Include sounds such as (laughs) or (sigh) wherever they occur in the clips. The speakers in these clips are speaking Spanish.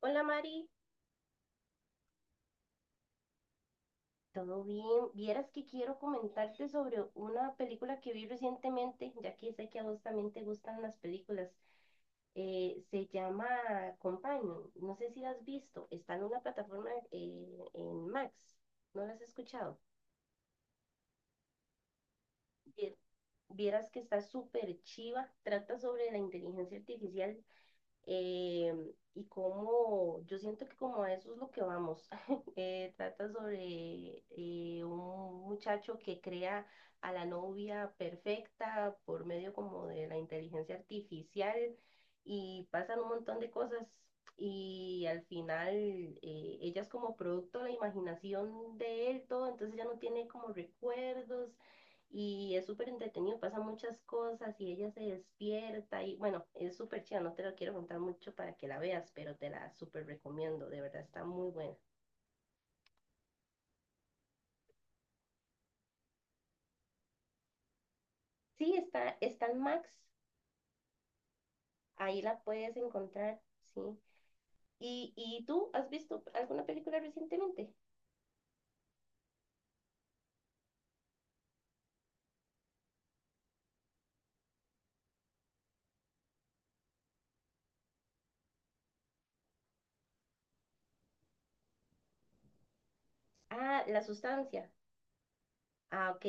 Hola Mari, ¿todo bien? Vieras que quiero comentarte sobre una película que vi recientemente, ya que sé que a vos también te gustan las películas. Se llama Companion, no sé si la has visto, está en una plataforma en Max. ¿No la has escuchado? Vie- Vieras que está súper chiva, trata sobre la inteligencia artificial y como yo siento que como a eso es lo que vamos. (laughs) Trata sobre un muchacho que crea a la novia perfecta por medio como de la inteligencia artificial y pasan un montón de cosas y al final ella es como producto de la imaginación de él todo, entonces ya no tiene como recuerdos y es súper entretenido, pasan muchas cosas y ella se despierta y bueno, es súper chida, no te lo quiero contar mucho para que la veas, pero te la súper recomiendo, de verdad está muy buena. Sí, está en Max, ahí la puedes encontrar, sí. ¿Y tú has visto alguna película recientemente? Ah, La Sustancia. Ah, ok.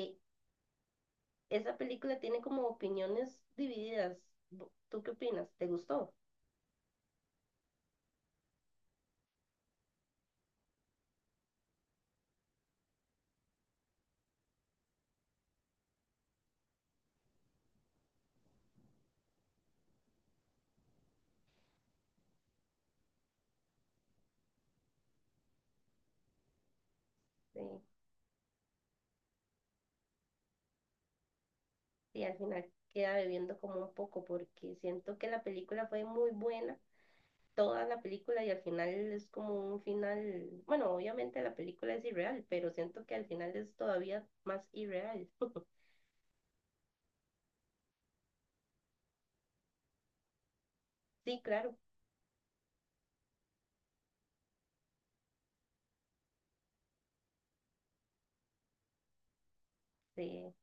Esa película tiene como opiniones divididas. ¿Tú qué opinas? ¿Te gustó? Sí, sí, al final queda bebiendo como un poco porque siento que la película fue muy buena toda la película y al final es como un final, bueno, obviamente la película es irreal, pero siento que al final es todavía más irreal. Sí, claro, sí,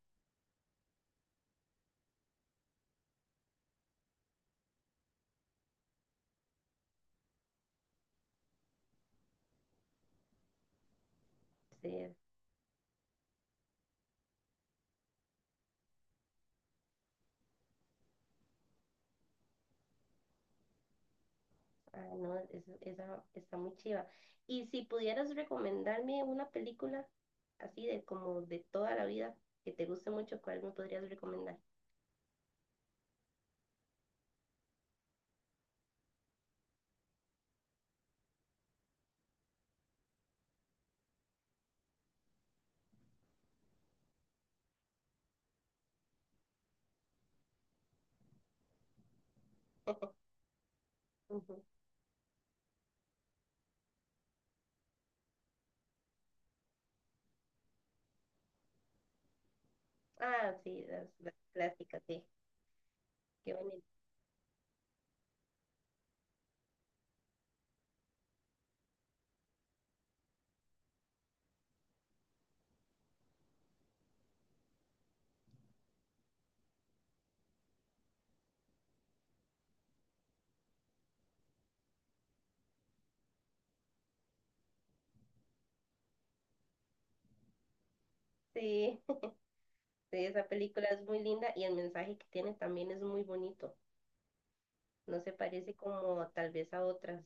sí, ah, no, es- esa está muy chiva. Y si pudieras recomendarme una película así de como de toda la vida que te guste mucho, ¿cuál me podrías recomendar? Ujú. Ah, sí, las clásicas, sí, qué bonito. Sí, (laughs) sí, esa película es muy linda y el mensaje que tiene también es muy bonito. No se parece como tal vez a otras,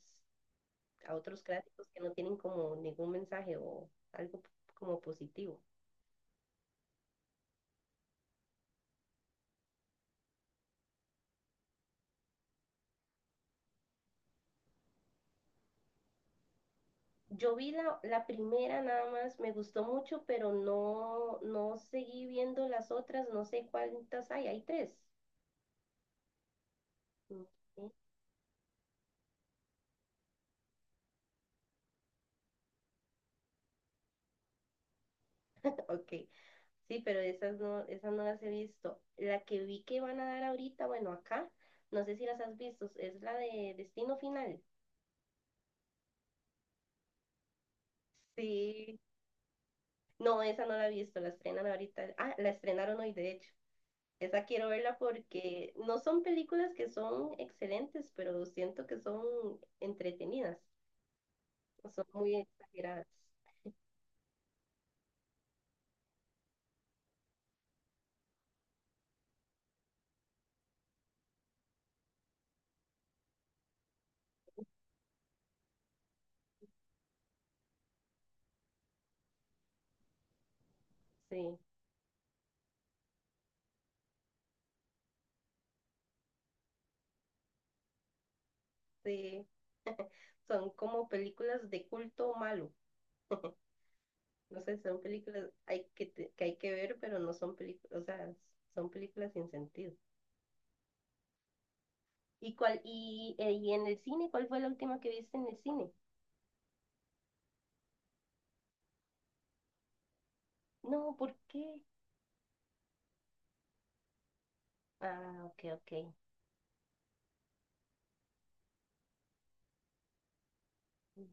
a otros clásicos que no tienen como ningún mensaje o algo como positivo. Yo vi la primera nada más, me gustó mucho, pero no, no seguí viendo las otras, no sé cuántas hay, hay tres. Ok, ok, sí, pero esas no las he visto. La que vi que van a dar ahorita, bueno, acá, no sé si las has visto, es la de Destino Final. Sí, no, esa no la he visto, la estrenan ahorita. Ah, la estrenaron hoy, de hecho. Esa quiero verla porque no son películas que son excelentes, pero siento que son entretenidas, son muy exageradas. Sí, sí, son como películas de culto malo. No sé, son películas que hay que ver, pero no son películas, o sea, son películas sin sentido. ¿Y en el cine, ¿cuál fue la última que viste en el cine? No, ¿por qué? Ah, ok, ok.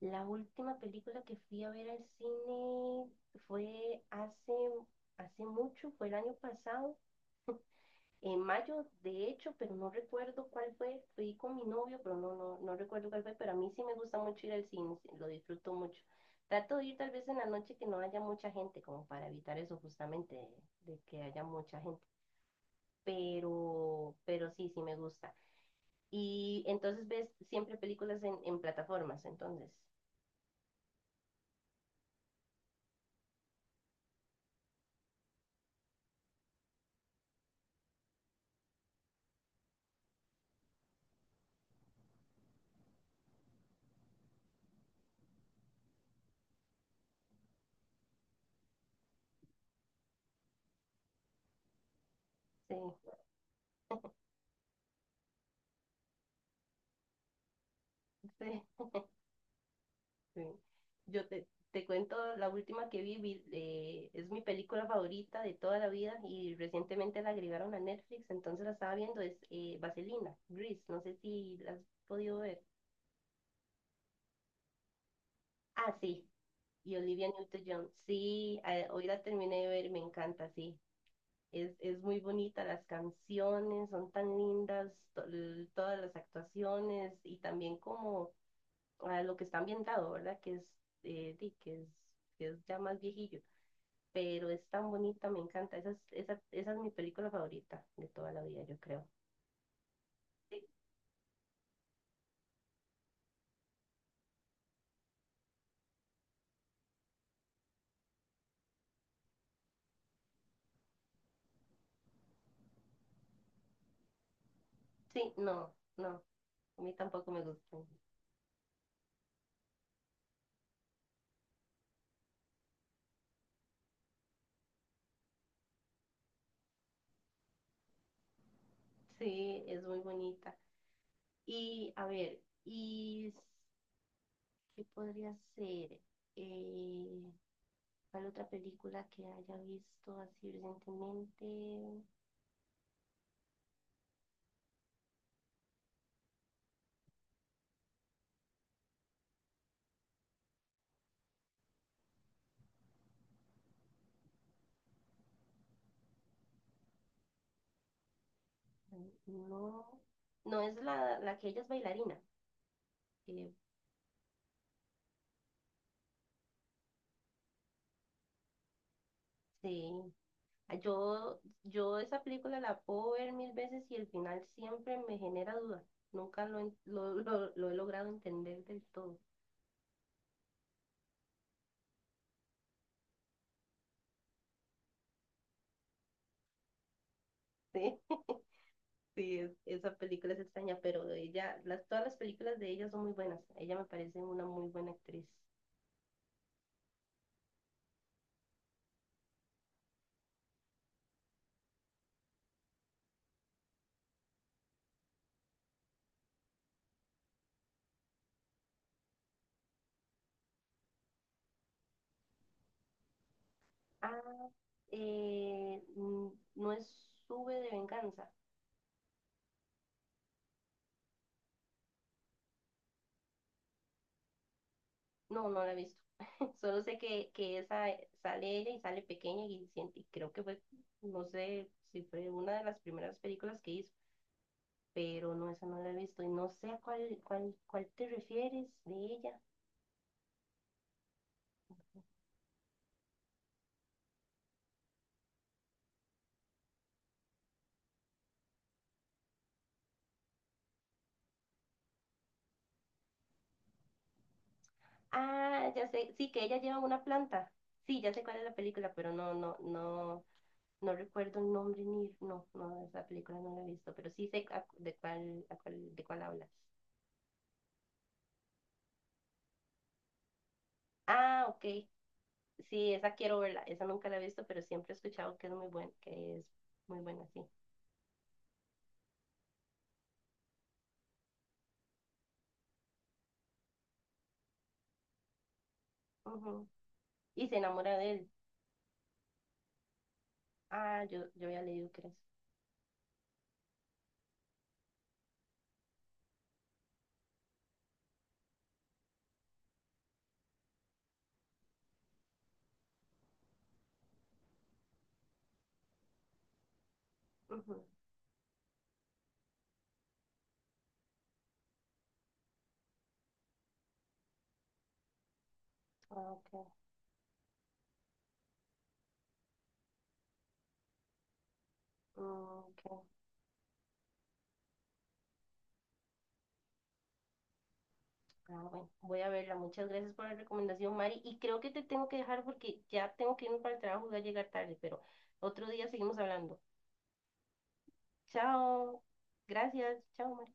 La última película que fui a ver al cine fue hace mucho, fue el año pasado, en mayo de hecho, pero no recuerdo cuál fue. Fui con mi novio, pero no, no, no recuerdo cuál fue, pero a mí sí me gusta mucho ir al cine, sí, lo disfruto mucho. Trato de ir tal vez en la noche que no haya mucha gente, como para evitar eso justamente, de que haya mucha gente. Pero sí, sí me gusta. Y entonces ves siempre películas en plataformas, entonces. Sí, (laughs) sí. Sí. Te cuento la última que Es mi película favorita de toda la vida y recientemente la agregaron a Netflix, entonces la estaba viendo, es Vaselina, Grease, no sé si la has podido ver. Ah, sí, y Olivia Newton-John, sí, hoy la terminé de ver, me encanta, sí. Es muy bonita, las canciones son tan lindas, todas las actuaciones y también como ah, lo que está ambientado, ¿verdad? Eh, di, que es, que es ya más viejillo. Pero es tan bonita, me encanta. Esa es mi película favorita de toda la vida, yo creo. Sí, sí, no, no, a mí tampoco me gusta. Sí, es muy bonita. Y a ver, ¿qué podría ser? Eh, ¿Cuál otra película que haya visto así recientemente? No, no es la que ella es bailarina. Eh, sí. Yo esa película la puedo ver mil veces y el final siempre me genera duda. Nunca lo, en- lo, lo- Lo he logrado entender del todo. (laughs) Sí, sí, esa película es extraña, pero ella, todas las películas de ella son muy buenas. Ella me parece una muy buena actriz. Ah, eh, mm, no es Sube de Venganza. No, no la he visto. (laughs) Solo sé que esa sale ella y sale pequeña y, creo que fue, no sé si fue una de las primeras películas que hizo. Pero no, esa no la he visto y no sé a cuál te refieres de ella. Ah, ya sé, sí, que ella lleva una planta. Sí, ya sé cuál es la película, pero no, no, no, no recuerdo el nombre ni, no, no, esa película no la he visto, pero sí sé a- de cuál, a cuál- de cuál hablas. Ah, ok, sí, esa quiero verla, esa nunca la he visto, pero siempre he escuchado que es muy buena, que es muy buena, sí. Ujú. Y se enamora de él. Ah, yo había leído que es. Ujú. Ah, ok. Mm, ok. Ah, bueno, voy a verla. Muchas gracias por la recomendación, Mari. Y creo que te tengo que dejar porque ya tengo que irme para el trabajo, voy a llegar tarde, pero otro día seguimos hablando. Chao. Gracias. Chao, Mari.